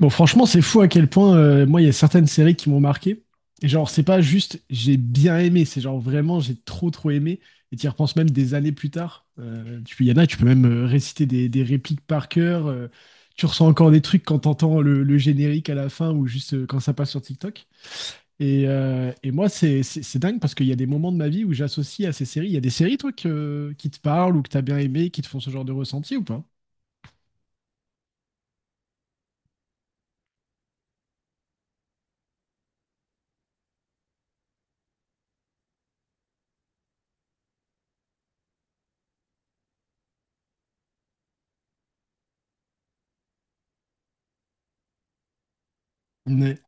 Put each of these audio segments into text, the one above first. Bon, franchement, c'est fou à quel point, moi, il y a certaines séries qui m'ont marqué. Et genre, c'est pas juste j'ai bien aimé, c'est genre vraiment j'ai trop trop aimé. Et tu y repenses même des années plus tard. Il y en a, tu peux même réciter des répliques par cœur. Tu ressens encore des trucs quand t'entends le générique à la fin ou juste quand ça passe sur TikTok. Et moi, c'est dingue parce qu'il y a des moments de ma vie où j'associe à ces séries. Il y a des séries, toi, qui te parlent ou que t'as bien aimé, qui te font ce genre de ressenti ou pas? Ouais.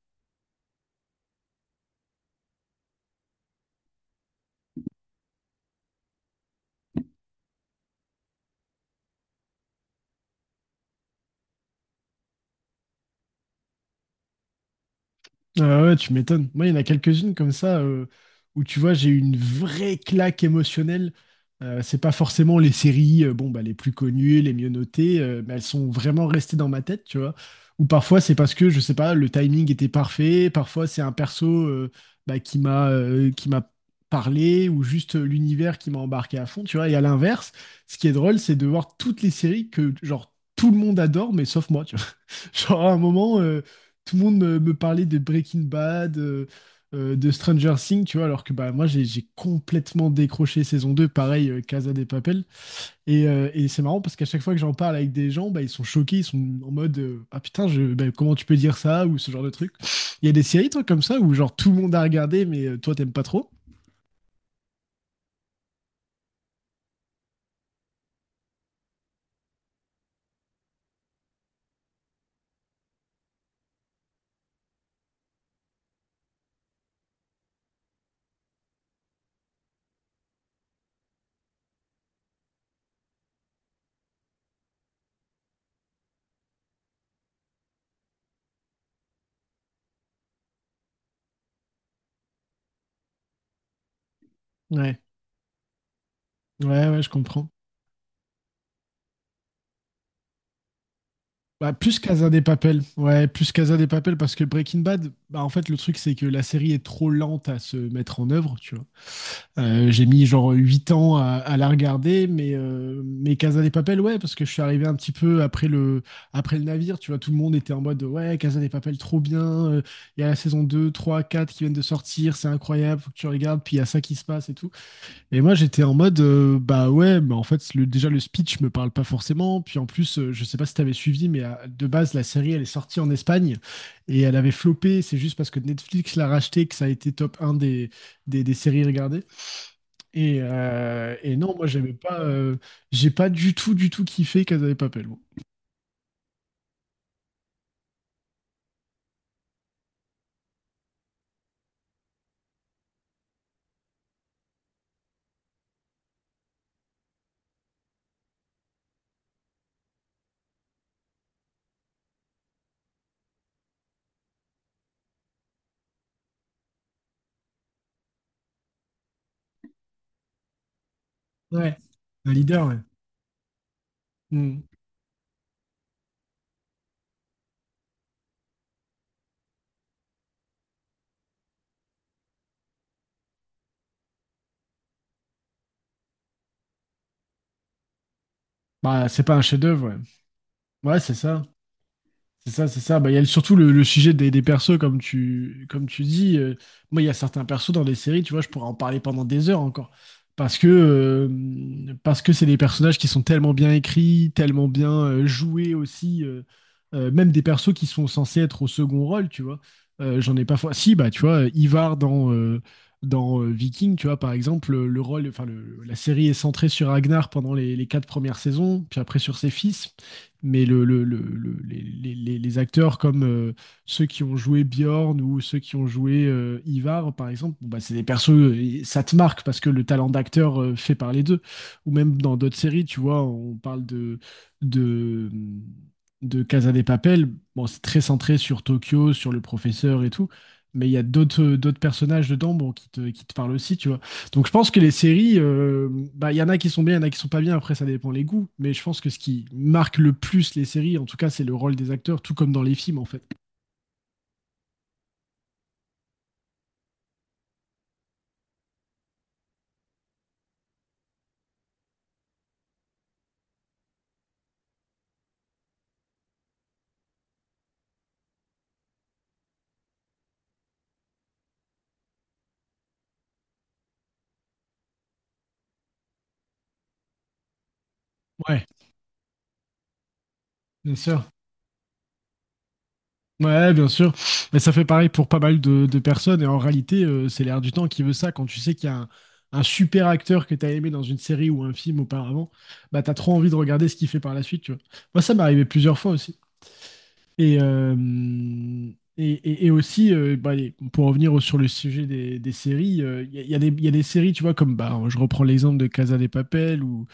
Ah ouais, tu m'étonnes. Moi, il y en a quelques-unes comme ça, où tu vois, j'ai eu une vraie claque émotionnelle. C'est pas forcément les séries, bon, bah, les plus connues, les mieux notées, mais elles sont vraiment restées dans ma tête, tu vois. Ou parfois, c'est parce que, je sais pas, le timing était parfait. Parfois, c'est un perso, bah, qui m'a parlé ou juste l'univers qui m'a embarqué à fond, tu vois. Et à l'inverse, ce qui est drôle, c'est de voir toutes les séries que, genre, tout le monde adore, mais sauf moi, tu vois. Genre, à un moment, tout le monde me parlait de Breaking Bad, de Stranger Things, tu vois, alors que bah, moi, j'ai complètement décroché saison 2, pareil, Casa de Papel. Et c'est marrant parce qu'à chaque fois que j'en parle avec des gens, bah, ils sont choqués, ils sont en mode, ah putain, bah, comment tu peux dire ça ou ce genre de truc. Il y a des séries, toi, comme ça, où genre tout le monde a regardé, mais toi, t'aimes pas trop? Ouais, ouais, ouais, je comprends. Bah, plus Casa de Papel. Ouais, plus Casa de Papel parce que Breaking Bad, bah, en fait, le truc, c'est que la série est trop lente à se mettre en œuvre, tu vois. J'ai mis genre 8 ans à la regarder, mais Casa de Papel, ouais, parce que je suis arrivé un petit peu après après le navire, tu vois, tout le monde était en mode ouais, Casa de Papel, trop bien, euh, il y a la saison 2, 3, 4 qui viennent de sortir, c'est incroyable, faut que tu regardes, puis il y a ça qui se passe et tout. Et moi, j'étais en mode, bah ouais, mais en fait, déjà le speech me parle pas forcément, puis en plus, je sais pas si t'avais suivi, mais de base, la série, elle est sortie en Espagne, et elle avait floppé, c'est juste parce que Netflix l'a racheté que ça a été top un des séries regardées. Et non, moi, j'aimais pas. J'ai pas du tout, du tout kiffé Casa de Papel. Moi. Ouais, un leader, ouais. Hmm. Bah, c'est pas un chef-d'œuvre, ouais. Ouais, c'est ça. C'est ça, c'est ça. Bah, il y a surtout le sujet des persos, comme tu dis. Moi, il y a certains persos dans des séries, tu vois, je pourrais en parler pendant des heures encore. Parce que, euh, Parce que c'est des personnages qui sont tellement bien écrits, tellement bien joués aussi. Même des persos qui sont censés être au second rôle, tu vois. J'en ai pas. Fa- Si, bah, tu vois, Ivar dans Viking, tu vois, par exemple, enfin, la série est centrée sur Ragnar pendant les quatre premières saisons, puis après sur ses fils mais les acteurs comme ceux qui ont joué Bjorn ou ceux qui ont joué Ivar, par exemple, bon, bah, c'est des persos, ça te marque parce que le talent d'acteur fait parler d'eux. Ou même dans d'autres séries, tu vois, on parle de, de Casa de Papel. Bon, c'est très centré sur Tokyo, sur le professeur et tout, mais il y a d'autres personnages dedans bon, qui te parlent aussi, tu vois. Donc je pense que les séries, il bah, y en a qui sont bien, il y en a qui sont pas bien, après ça dépend les goûts, mais je pense que ce qui marque le plus les séries, en tout cas, c'est le rôle des acteurs, tout comme dans les films en fait. Ouais, bien sûr. Ouais, bien sûr. Mais ça fait pareil pour pas mal de personnes. Et en réalité, c'est l'air du temps qui veut ça. Quand tu sais qu'il y a un super acteur que t'as aimé dans une série ou un film auparavant, bah, t'as trop envie de regarder ce qu'il fait par la suite. Tu vois. Moi, ça m'est arrivé plusieurs fois aussi. Et, euh, et aussi, bah, pour revenir sur le sujet des séries, il y a des séries, tu vois, comme bah, je reprends l'exemple de Casa de Papel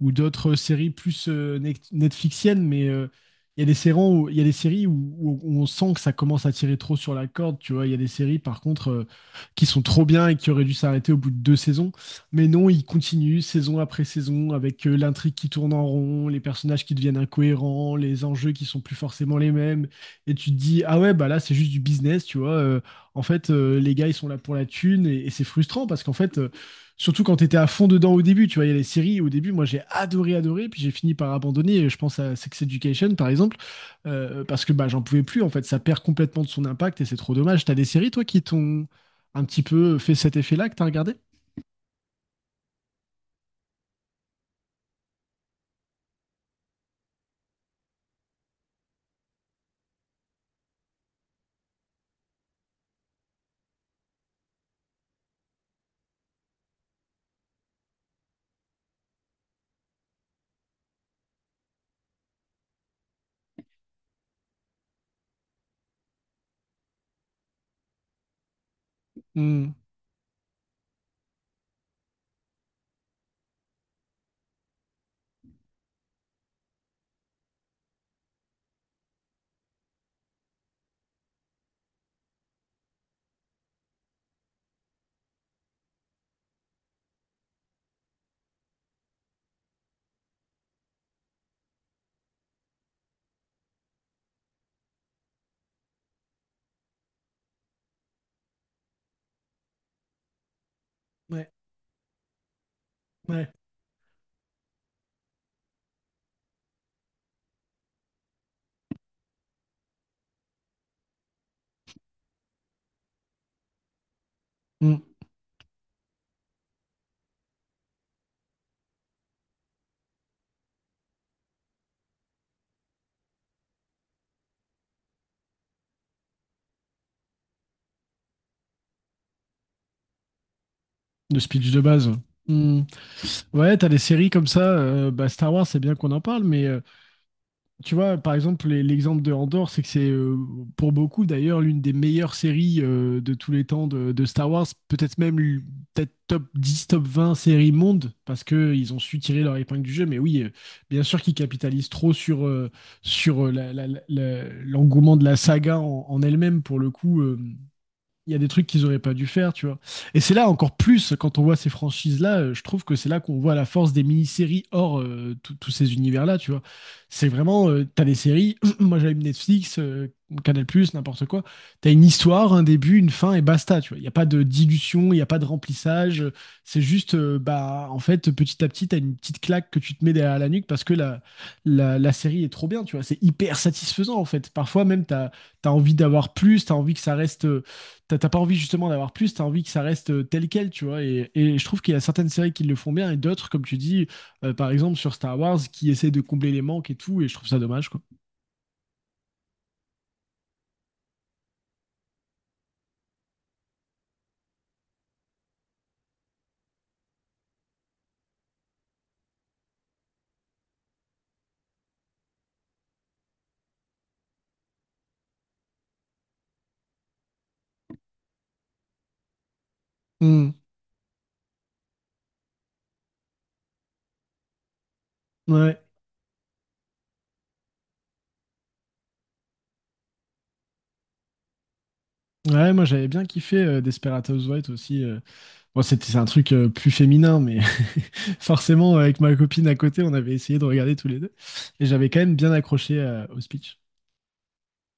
ou d'autres séries plus netflixiennes, mais il y a des séries où on sent que ça commence à tirer trop sur la corde, tu vois. Il y a des séries, par contre, qui sont trop bien et qui auraient dû s'arrêter au bout de deux saisons. Mais non, ils continuent saison après saison avec l'intrigue qui tourne en rond, les personnages qui deviennent incohérents, les enjeux qui sont plus forcément les mêmes. Et tu te dis, ah ouais, bah là, c'est juste du business, tu vois. En fait, les gars, ils sont là pour la thune et c'est frustrant parce qu'en fait, surtout quand t'étais à fond dedans au début, tu vois, il y a les séries, au début, moi j'ai adoré, adoré, puis j'ai fini par abandonner, je pense à Sex Education par exemple, parce que bah, j'en pouvais plus, en fait, ça perd complètement de son impact et c'est trop dommage. T'as des séries, toi, qui t'ont un petit peu fait cet effet-là que t'as regardé? Hmm. Ouais, ouais. Hmm. Le speech de base. Hmm. Ouais, t'as des séries comme ça, bah, Star Wars, c'est bien qu'on en parle, mais tu vois, par exemple, l'exemple de Andor, c'est que c'est pour beaucoup d'ailleurs l'une des meilleures séries de tous les temps de Star Wars, peut-être même peut-être top 10, top 20 séries monde, parce que ils ont su tirer leur épingle du jeu. Mais oui, bien sûr qu'ils capitalisent trop sur, l'engouement de la saga en elle-même, pour le coup. Il y a des trucs qu'ils auraient pas dû faire, tu vois. Et c'est là encore plus quand on voit ces franchises-là, je trouve que c'est là qu'on voit la force des mini-séries hors tous ces univers-là, tu vois. C'est vraiment, t'as des séries, moi j'allume Netflix, Canal+, n'importe quoi, t'as une histoire, un début, une fin et basta, tu vois. Il n'y a pas de dilution, il n'y a pas de remplissage, c'est juste, bah, en fait, petit à petit, t'as une petite claque que tu te mets derrière la nuque parce que la série est trop bien, tu vois. C'est hyper satisfaisant, en fait. Parfois même, t'as envie d'avoir plus, t'as envie que ça reste t'as pas envie justement d'avoir plus, t'as envie que ça reste tel quel, tu vois. Et je trouve qu'il y a certaines séries qui le font bien et d'autres, comme tu dis, par exemple sur Star Wars, qui essaient de combler les manques et tout, et je trouve ça dommage, quoi. Hmm. Ouais. Ouais, moi j'avais bien kiffé Desperate Housewives aussi. Bon, c'est un truc plus féminin, mais forcément, avec ma copine à côté, on avait essayé de regarder tous les deux. Et j'avais quand même bien accroché au speech.